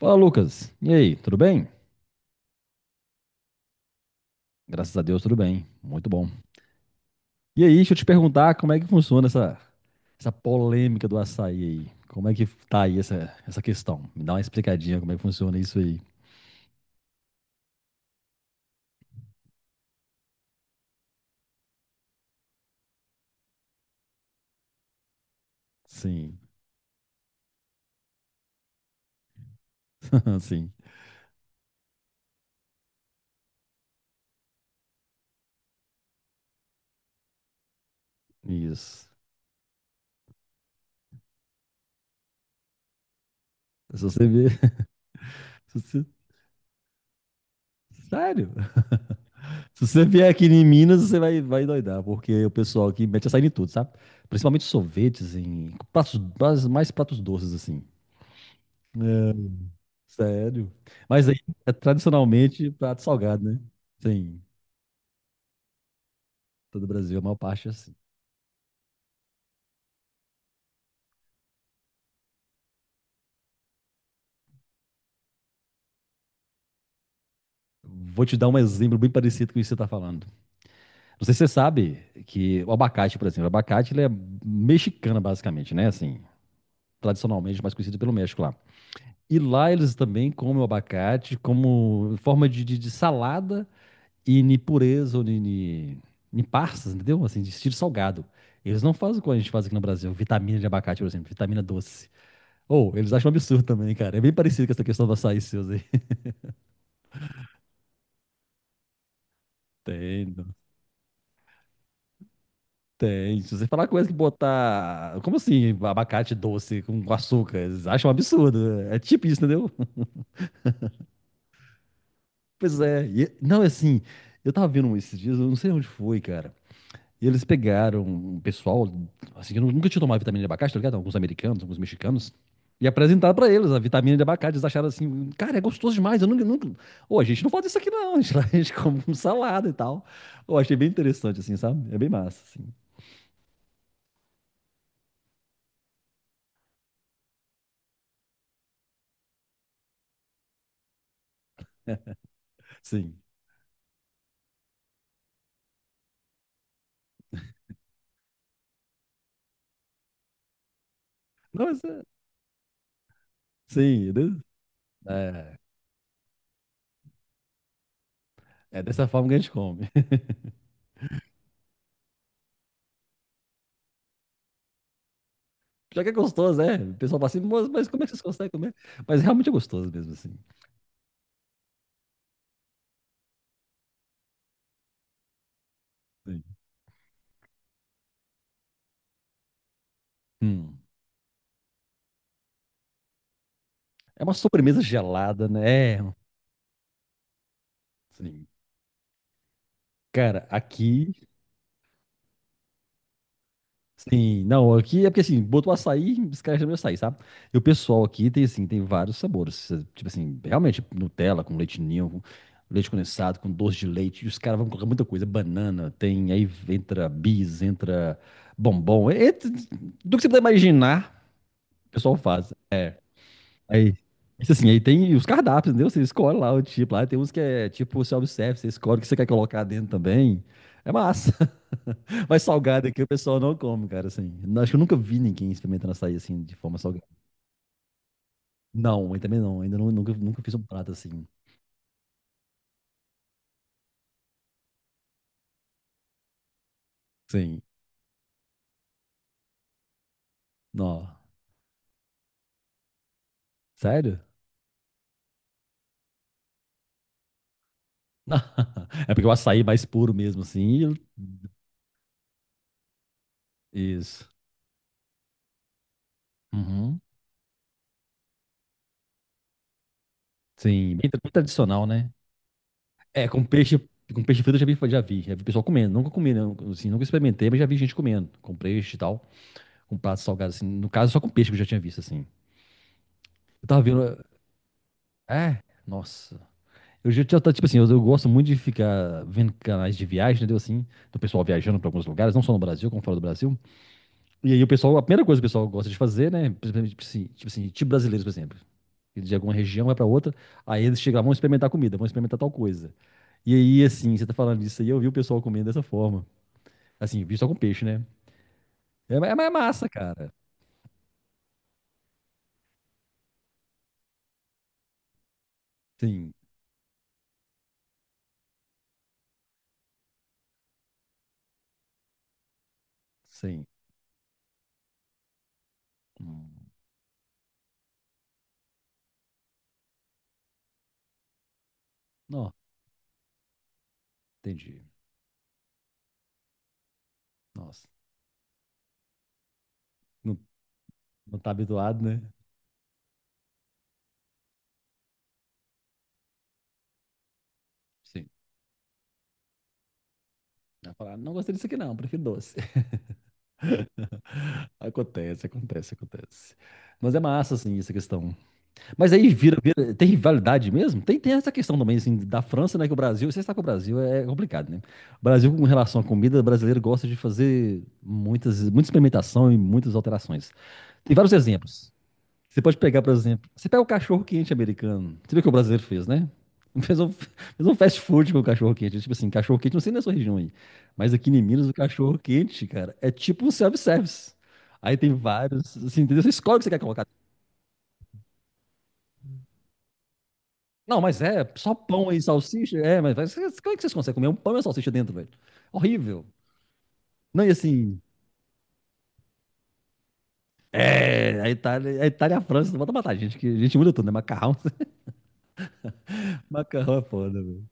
Fala, Lucas. E aí, tudo bem? Graças a Deus, tudo bem. Muito bom. E aí, deixa eu te perguntar como é que funciona essa polêmica do açaí aí. Como é que tá aí essa questão? Me dá uma explicadinha como é que funciona isso aí. Sim. Sim, isso. Se você ver. se você- Sério? Se você vier aqui em Minas, você vai doidar, porque o pessoal aqui mete açaí em tudo, sabe? Principalmente sorvetes, em pratos, mais pratos doces, assim. É. Sério. Mas aí é tradicionalmente prato salgado, né? Sim, todo o Brasil, a maior parte é assim. Vou te dar um exemplo bem parecido com isso que você está falando. Não sei se você sabe que o abacate, por exemplo, o abacate ele é mexicano, basicamente, né? Assim, tradicionalmente mais conhecido pelo México lá. E lá eles também comem o abacate como forma de salada e de pureza ou de passas, entendeu? Assim, de estilo salgado. Eles não fazem como a gente faz aqui no Brasil, vitamina de abacate, por exemplo, vitamina doce. Ou, eles acham um absurdo também, cara. É bem parecido com essa questão do açaí seus aí. Tendo. Tem. Se você falar coisa que botar. Como assim? Abacate doce com açúcar? Eles acham um absurdo. É tipo isso, entendeu? Pois é. Não, é assim. Eu tava vendo um esses dias, eu não sei onde foi, cara. E eles pegaram um pessoal, assim, que nunca tinha tomado vitamina de abacate, tá ligado? Alguns americanos, alguns mexicanos. E apresentaram pra eles a vitamina de abacate. Eles acharam assim, cara, é gostoso demais. Eu nunca, nunca. Ô, a gente não faz isso aqui não. A gente, a gente come com salada e tal. Eu achei bem interessante, assim, sabe? É bem massa, assim. Sim. Não, mas é. Sim, é, é é dessa forma que a gente come. Já que é gostoso, é. O pessoal fala assim, mas como é que vocês conseguem comer? Mas realmente é gostoso mesmo, assim. Sim. Hum. É uma sobremesa gelada, né? É. Sim. Cara, aqui. Sim, não, aqui é porque assim, botou açaí, os caras chamam de açaí, sabe? E o pessoal aqui tem assim, tem vários sabores. Tipo assim, realmente, Nutella com leite ninho, com leite condensado, com doce de leite, e os caras vão colocar muita coisa, banana, tem, aí entra bis, entra bombom, entra, tudo que você puder imaginar, o pessoal faz. Aí, isso assim, aí tem os cardápios, entendeu? Você escolhe lá o tipo, lá tem uns que é tipo self-service, você escolhe o que você quer colocar dentro também. É massa. Mas salgado aqui o pessoal não come, cara, assim. Acho que eu nunca vi ninguém experimentando açaí assim, de forma salgada. Não, eu também não. Ainda nunca fiz um prato assim. Sim. Não. Sério? Não. É porque o açaí é mais puro mesmo, assim. Isso. Uhum. Sim, bem tradicional, né? É, com peixe, frito eu já vi pessoal comendo. Nunca comi, não, assim, nunca experimentei, mas já vi gente comendo, com peixe e tal, com prato salgado, assim. No caso, só com peixe que eu já tinha visto, assim. Eu tava vendo. É, nossa. Eu já tá, tipo assim, eu gosto muito de ficar vendo canais de viagem, entendeu? Assim, do pessoal viajando para alguns lugares, não só no Brasil, como fora do Brasil. E aí o pessoal, a primeira coisa que o pessoal gosta de fazer, né? Principalmente, tipo brasileiros, por exemplo. Eles de alguma região vai para outra, aí eles chegam lá, vão experimentar comida, vão experimentar tal coisa. E aí, assim, você tá falando disso aí, eu vi o pessoal comendo dessa forma. Assim, vi só com peixe, né? É, é massa, cara. Sim, sim. Hum. Não, entendi. Nossa, não, não tá habituado, né? Sim. Vai falar: "Ah, não gostei disso aqui não, prefiro doce." Acontece, acontece, acontece. Mas é massa, assim, essa questão. Mas aí tem rivalidade mesmo? Tem essa questão também, assim, da França, né? Que o Brasil, você está com o Brasil, é complicado, né? O Brasil, com relação à comida, o brasileiro gosta de fazer muita experimentação e muitas alterações. Tem vários exemplos. Você pode pegar, por exemplo, você pega o cachorro quente americano. Você vê o que o brasileiro fez, né? Fez um fast food com o cachorro quente. Tipo assim, cachorro quente, não sei na sua região aí. Mas aqui em Minas, o cachorro quente, cara, é tipo um self-service. Aí tem vários, assim, entendeu? Você escolhe o que você quer colocar. Não, mas é só pão e salsicha. É, como é que vocês conseguem comer um pão e uma salsicha dentro, velho? Horrível. Não, e assim, é, a Itália e a França, não bota matar a gente, que a gente muda tudo, né? Macarrão, macarrão é foda, velho.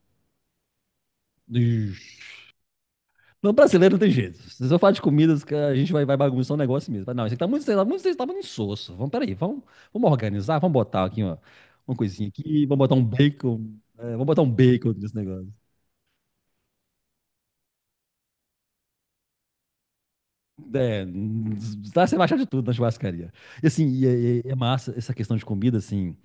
No brasileiro não tem jeito. Se eu falar de comidas, que a gente vai bagunçar um negócio mesmo. Mas não, isso aqui tá muito, insosso. Vamos, peraí, vamos organizar, vamos botar aqui uma coisinha aqui, vamos botar um bacon nesse negócio. É, dá, você vai achar de tudo na churrascaria. E assim, é massa essa questão de comida, assim,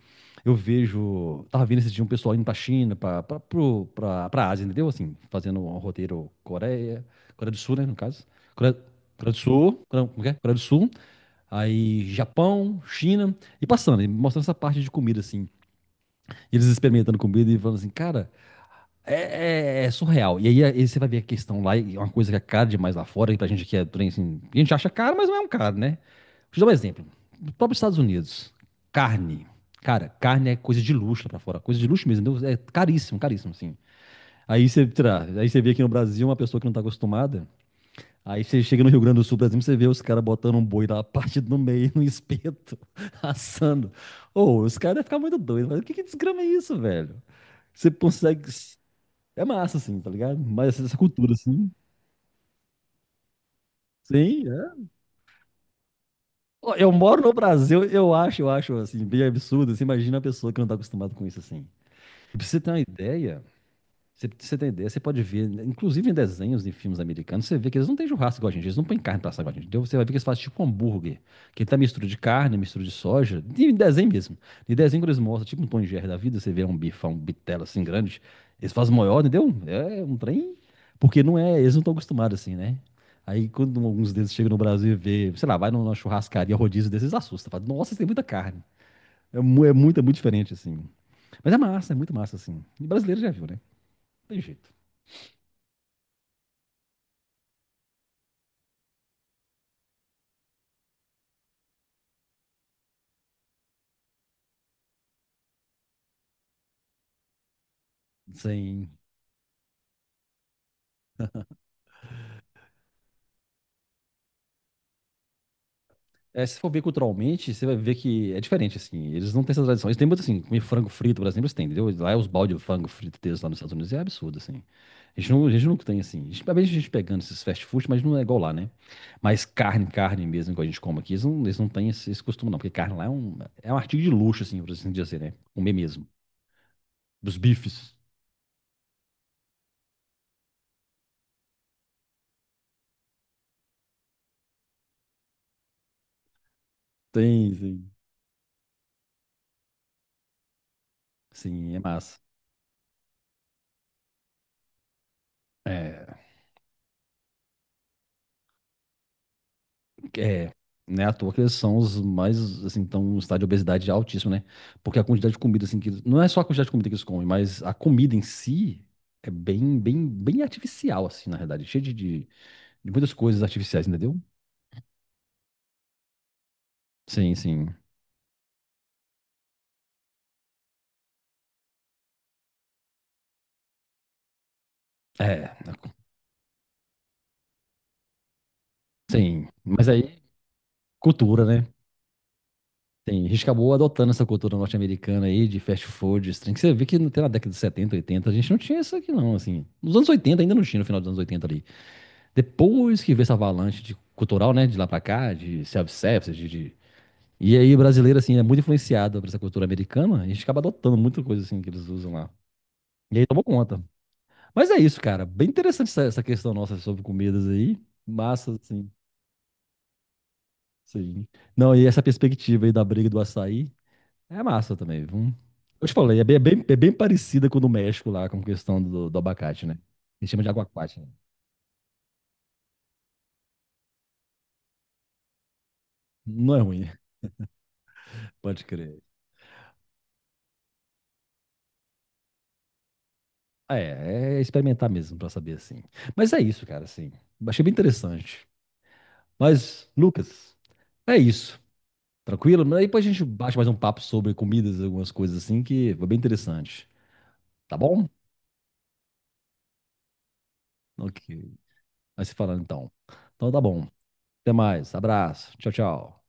eu vejo, tava vendo esse dia um pessoal indo pra China, pra Ásia, entendeu? Assim, fazendo um roteiro Coreia, Coreia do Sul, né, no caso. Coreia, Coreia do Sul, Coreia, como é que é? Coreia do Sul, aí Japão, China, e passando, e mostrando essa parte de comida, assim. E eles experimentando comida e falando assim, cara, é surreal. E aí você vai ver a questão lá, e é uma coisa que é cara demais lá fora, e pra gente aqui é trem, assim, a gente acha caro, mas não é um caro, né? Deixa eu dar um exemplo. Os próprios Estados Unidos, carne. Cara, carne é coisa de luxo lá pra fora, coisa de luxo mesmo, entendeu? É caríssimo, caríssimo, assim. Aí você, sei lá, aí você vê aqui no Brasil uma pessoa que não tá acostumada. Aí você chega no Rio Grande do Sul, por exemplo, você vê os caras botando um boi lá partido no meio, no espeto, assando. Ô, os caras devem ficar muito doidos. Mas o que que desgrama é isso, velho? Você consegue. É massa, assim, tá ligado? Mas essa cultura, assim. Sim, é. Ó, eu moro no Brasil, eu acho, assim, bem absurdo. Você imagina uma pessoa que não tá acostumada com isso, assim. Pra você ter uma ideia. Você tem ideia, você pode ver, inclusive em desenhos de filmes americanos, você vê que eles não têm churrasco igual a gente, eles não põem carne pra assar igual a gente, entendeu? Você vai ver que eles fazem tipo um hambúrguer, que ele tá mistura de carne, mistura de soja, de desenho mesmo. De desenho que eles mostram, tipo um Tom e Jerry da vida, você vê um bifão, um bitelo assim grande, eles fazem maior, entendeu? É um trem, porque não é, eles não estão acostumados assim, né? Aí quando alguns deles chegam no Brasil e vê, sei lá, vai numa churrascaria rodízio desses, eles assustam, fala, nossa, isso tem muita carne. É, é muito diferente assim. Mas é massa, é muito massa assim. E brasileiro já viu, né? Não tem jeito. Sim. É, se for ver culturalmente, você vai ver que é diferente, assim. Eles não têm essa tradição. Eles têm muito, assim, comer frango frito, por exemplo, eles têm, entendeu? Lá é os balde de frango frito deles lá nos Estados Unidos, é absurdo, assim. A gente, não, a gente nunca tem, assim. A gente, talvez a gente pegando esses fast food, mas não é igual lá, né? Mas carne, carne mesmo, que a gente come aqui, eles não têm esse costume, não. Porque carne lá é um, artigo de luxo, assim, por assim dizer, né? Comer mesmo. Dos bifes. Tem, sim. Sim, é massa. É, É, né, à toa que eles são os mais, assim, estão em um estado de obesidade altíssimo, né? Porque a quantidade de comida, assim, que não é só a quantidade de comida que eles comem, mas a comida em si é bem, bem, bem artificial, assim, na realidade, cheia de muitas coisas artificiais, entendeu? Sim, sim. É, sim. Mas aí, cultura, né? Tem, a gente acabou adotando essa cultura norte-americana aí de fast food, esse trem, que você vê que até na década de 70 80 a gente não tinha isso aqui não, assim. Nos anos 80 ainda não tinha, no final dos anos 80 ali. Depois que veio essa avalanche de cultural, né? De lá pra cá, de self-service, E aí, brasileiro, assim, é muito influenciado por essa cultura americana, e a gente acaba adotando muita coisa, assim, que eles usam lá. E aí tomou conta. Mas é isso, cara. Bem interessante essa questão nossa sobre comidas aí. Massa, assim, sim. Não, e essa perspectiva aí da briga do açaí é massa também, viu? Eu te falei, é bem parecida com o do México lá, com a questão do abacate, né? Eles chamam de aguacate, né? Não é ruim, pode crer. É, é experimentar mesmo pra saber assim. Mas é isso, cara, assim. Achei bem interessante. Mas, Lucas, é isso. Tranquilo? Aí depois a gente bate mais um papo sobre comidas, algumas coisas assim, que foi bem interessante. Tá bom? Ok. Vai se falando então. Então tá bom. Até mais. Abraço. Tchau, tchau.